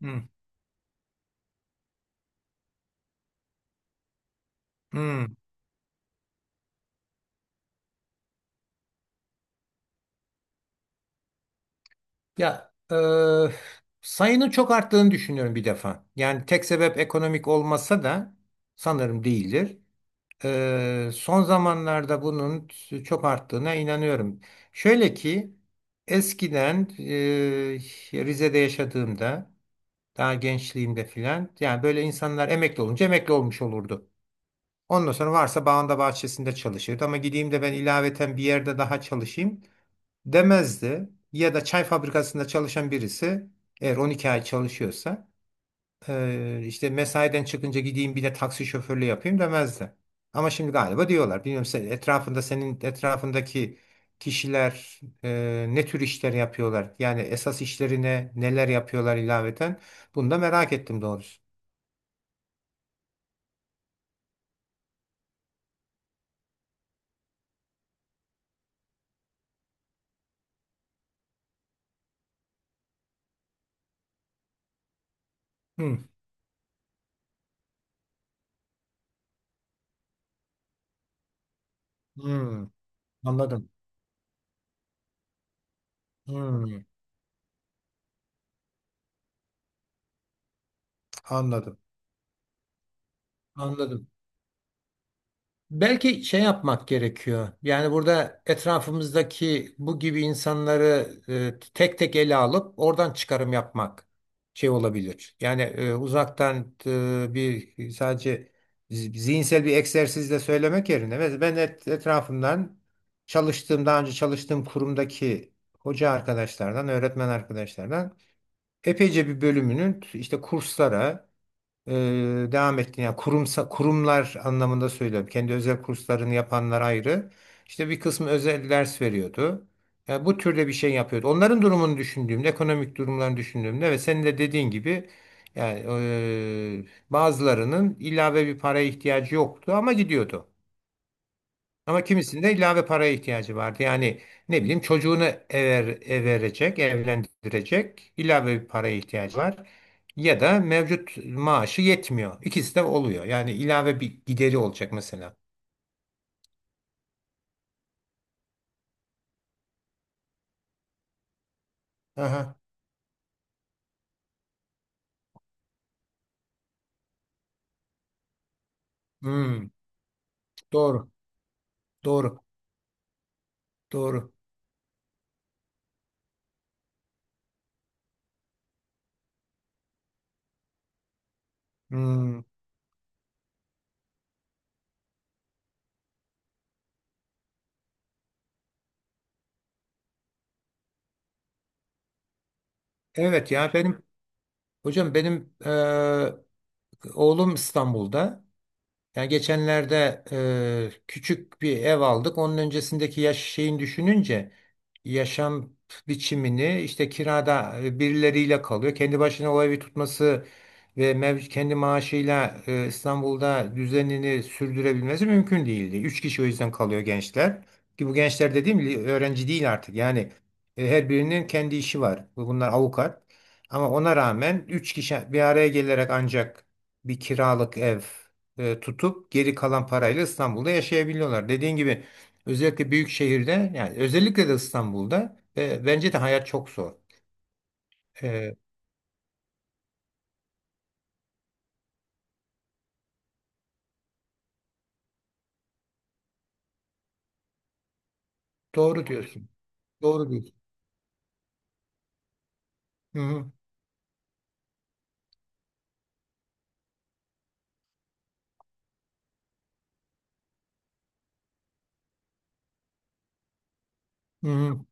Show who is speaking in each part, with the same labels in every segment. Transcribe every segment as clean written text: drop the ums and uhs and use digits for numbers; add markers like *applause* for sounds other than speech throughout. Speaker 1: Hmm, hmm. Ya, sayının çok arttığını düşünüyorum bir defa. Yani tek sebep ekonomik olmasa da sanırım değildir. Son zamanlarda bunun çok arttığına inanıyorum. Şöyle ki eskiden Rize'de yaşadığımda daha gençliğimde filan, yani böyle insanlar emekli olunca emekli olmuş olurdu. Ondan sonra varsa bağında bahçesinde çalışırdı, ama gideyim de ben ilaveten bir yerde daha çalışayım, demezdi. Ya da çay fabrikasında çalışan birisi eğer 12 ay çalışıyorsa işte mesaiden çıkınca gideyim bir de taksi şoförlüğü yapayım demezdi. Ama şimdi galiba diyorlar. Bilmiyorum, senin etrafındaki kişiler ne tür işler yapıyorlar? Yani esas işlerine neler yapıyorlar, ilaveten? Bunu da merak ettim doğrusu. Hmm, hmm, anladım. Hmm, anladım. Anladım. Belki şey yapmak gerekiyor. Yani burada etrafımızdaki bu gibi insanları tek tek ele alıp oradan çıkarım yapmak şey olabilir. Yani uzaktan bir sadece zihinsel bir egzersizle söylemek yerine, mesela ben etrafımdan çalıştığım, daha önce çalıştığım kurumdaki hoca arkadaşlardan, öğretmen arkadaşlardan epeyce bir bölümünün işte kurslara e, devam ettiğini, yani kurumlar anlamında söylüyorum. Kendi özel kurslarını yapanlar ayrı. İşte bir kısmı özel ders veriyordu. Yani bu türde bir şey yapıyordu. Onların durumunu düşündüğümde, ekonomik durumlarını düşündüğümde ve senin de dediğin gibi, yani bazılarının ilave bir paraya ihtiyacı yoktu ama gidiyordu. Ama kimisinin de ilave paraya ihtiyacı vardı. Yani ne bileyim, çocuğunu evlendirecek, ilave bir paraya ihtiyacı var. Ya da mevcut maaşı yetmiyor. İkisi de oluyor. Yani ilave bir gideri olacak mesela. Aha. Hmm. Doğru. Doğru. Doğru. Hmm. Evet ya, benim hocam, benim oğlum İstanbul'da. Yani geçenlerde küçük bir ev aldık. Onun öncesindeki yaş şeyin düşününce yaşam biçimini işte kirada birileriyle kalıyor. Kendi başına o evi tutması ve kendi maaşıyla İstanbul'da düzenini sürdürebilmesi mümkün değildi. Üç kişi o yüzden kalıyor gençler. Ki bu gençler dediğim gibi öğrenci değil artık. Yani her birinin kendi işi var. Bunlar avukat. Ama ona rağmen üç kişi bir araya gelerek ancak bir kiralık ev tutup geri kalan parayla İstanbul'da yaşayabiliyorlar. Dediğin gibi, özellikle büyük şehirde, yani özellikle de İstanbul'da, ve bence de hayat çok zor. Ee, doğru diyorsun. Doğru diyorsun. Hı hı, hı hı.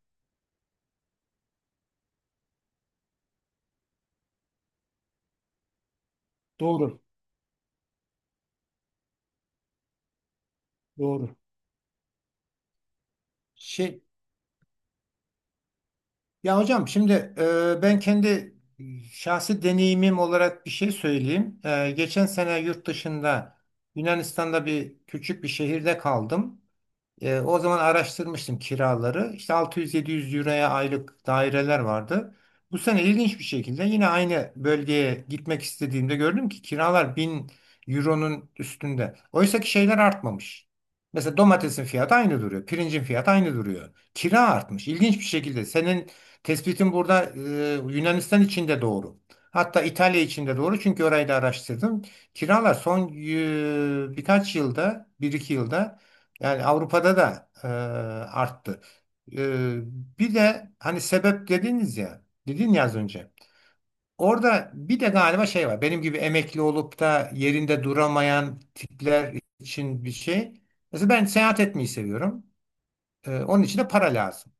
Speaker 1: Doğru. Doğru. Şey, ya hocam, şimdi ben kendi şahsi deneyimim olarak bir şey söyleyeyim. Geçen sene yurt dışında Yunanistan'da bir küçük bir şehirde kaldım. O zaman araştırmıştım kiraları. İşte 600-700 euroya aylık daireler vardı. Bu sene ilginç bir şekilde yine aynı bölgeye gitmek istediğimde gördüm ki kiralar 1000 euronun üstünde. Oysa ki şeyler artmamış. Mesela domatesin fiyatı aynı duruyor. Pirincin fiyatı aynı duruyor. Kira artmış, İlginç bir şekilde. Senin tespitin burada Yunanistan için de doğru. Hatta İtalya için de doğru. Çünkü orayı da araştırdım. Kiralar son birkaç yılda, bir iki yılda, yani Avrupa'da da arttı. E, Bir de hani sebep dediniz ya, dedin ya az önce. Orada bir de galiba şey var. Benim gibi emekli olup da yerinde duramayan tipler için bir şey. Mesela ben seyahat etmeyi seviyorum. Onun için de para lazım.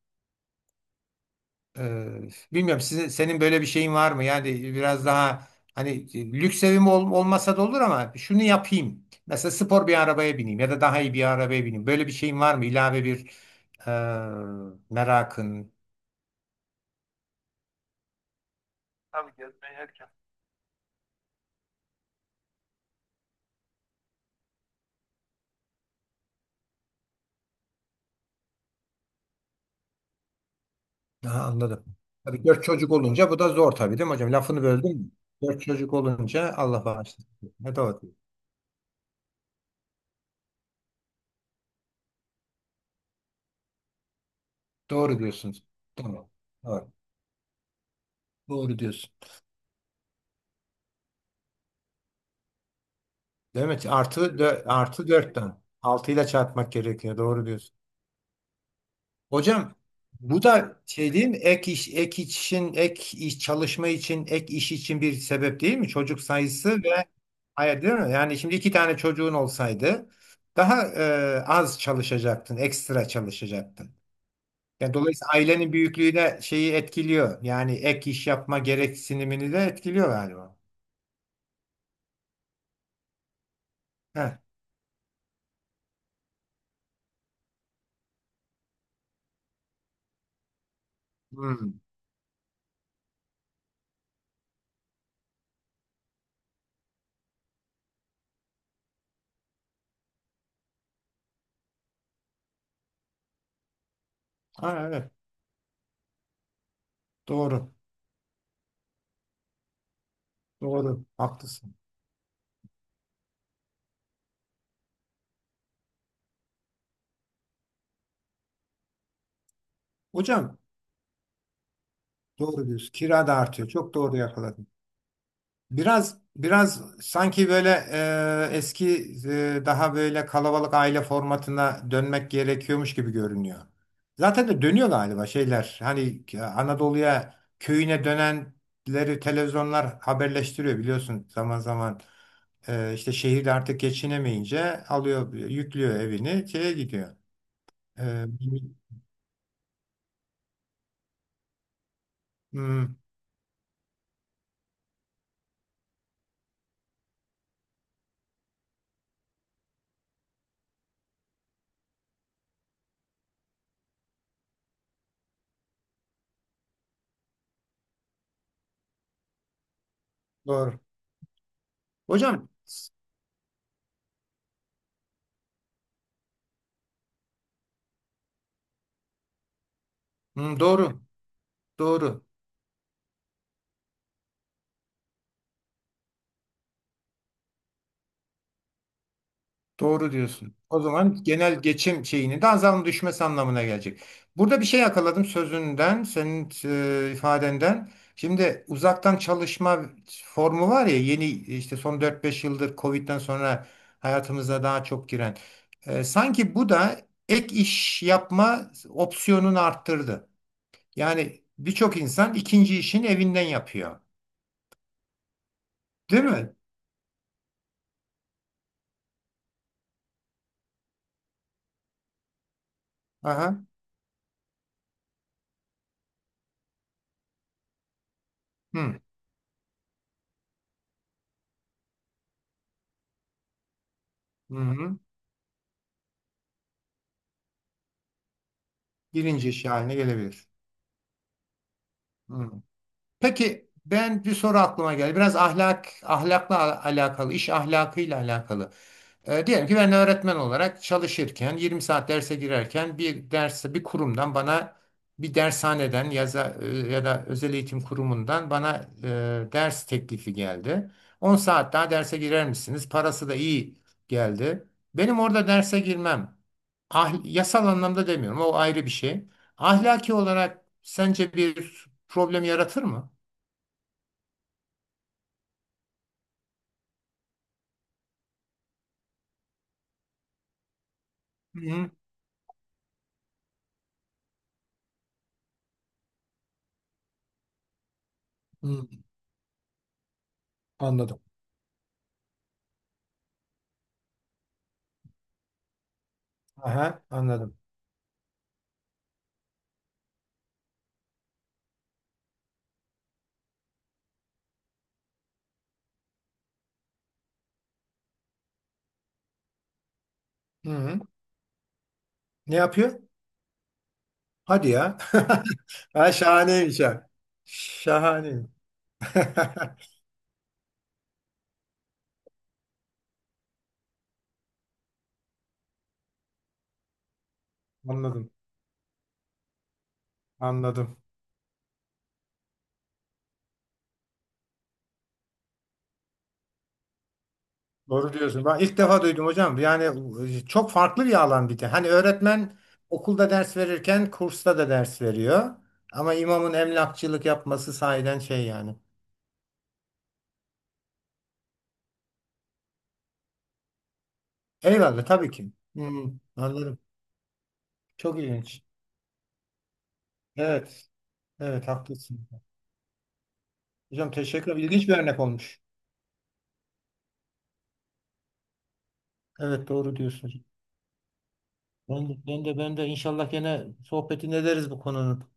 Speaker 1: Ee, Bilmiyorum, senin böyle bir şeyin var mı? Yani biraz daha hani lüks evim olmasa da olur ama şunu yapayım. Mesela spor bir arabaya bineyim ya da daha iyi bir arabaya bineyim. Böyle bir şeyin var mı, İlave bir merakın? Tabii gezmeyi herkes. Aha, anladım. Tabii, dört çocuk olunca bu da zor tabii, değil mi hocam? Lafını böldüm mü? Dört çocuk olunca Allah bağışlasın. Ne doğru, diyor. Doğru diyorsunuz. Tamam. Doğru. Doğru diyorsun. Değil mi? Artı, dörtten. Altıyla çarpmak gerekiyor. Doğru diyorsun. Hocam, bu da şey değil mi? Ek iş, ek için, ek iş çalışma için, Ek iş için bir sebep değil mi? Çocuk sayısı ve hayır, değil mi? Yani şimdi iki tane çocuğun olsaydı daha az çalışacaktın, ekstra çalışacaktın. Yani dolayısıyla ailenin büyüklüğü de şeyi etkiliyor. Yani ek iş yapma gereksinimini de etkiliyor galiba. Heh. Hmm. Ha, evet. Doğru. Doğru. Haklısın. Hocam, doğru diyorsun. Kira da artıyor. Çok doğru yakaladın. Biraz biraz sanki böyle eski daha böyle kalabalık aile formatına dönmek gerekiyormuş gibi görünüyor. Zaten de dönüyor galiba şeyler. Hani Anadolu'ya köyüne dönenleri televizyonlar haberleştiriyor, biliyorsun, zaman zaman. İşte şehirde artık geçinemeyince alıyor yüklüyor evini şeye gidiyor. E, hmm, doğru. Hocam, hmm, doğru doğru. Doğru diyorsun. O zaman genel geçim şeyini de azam düşmesi anlamına gelecek. Burada bir şey yakaladım sözünden, senin ifadenden. Şimdi uzaktan çalışma formu var ya, yeni, işte son dört beş yıldır Covid'den sonra hayatımıza daha çok giren. Sanki bu da ek iş yapma opsiyonunu arttırdı. Yani birçok insan ikinci işini evinden yapıyor. Değil mi? Aha. Hı. Hı hı. Birinci iş haline gelebilir. Hı. Peki, ben bir soru aklıma geldi. Biraz alakalı, iş ahlakıyla alakalı. Diyelim ki ben öğretmen olarak çalışırken, 20 saat derse girerken, bir derse bir kurumdan bana, bir dershaneden, ya da özel eğitim kurumundan bana ders teklifi geldi. 10 saat daha derse girer misiniz? Parası da iyi geldi. Benim orada derse girmem. Ah, yasal anlamda demiyorum. O ayrı bir şey. Ahlaki olarak sence bir problem yaratır mı? Hı hı. Anladım. Aha, anladım. Hı hı. Ne yapıyor? Hadi ya. *laughs* Ha, şahaneymiş ha. Şahane. *laughs* Anladım. Anladım. Doğru diyorsun. Ben ilk defa duydum hocam. Yani çok farklı bir alan bir de. Hani öğretmen okulda ders verirken kursta da ders veriyor. Ama imamın emlakçılık yapması sahiden şey yani. Eyvallah tabii ki. Hı, anladım. Çok ilginç. Evet. Evet, haklısın. Hocam, teşekkür ederim. İlginç bir örnek olmuş. Evet, doğru diyorsun. Ben de inşallah gene sohbetini ederiz bu konunun.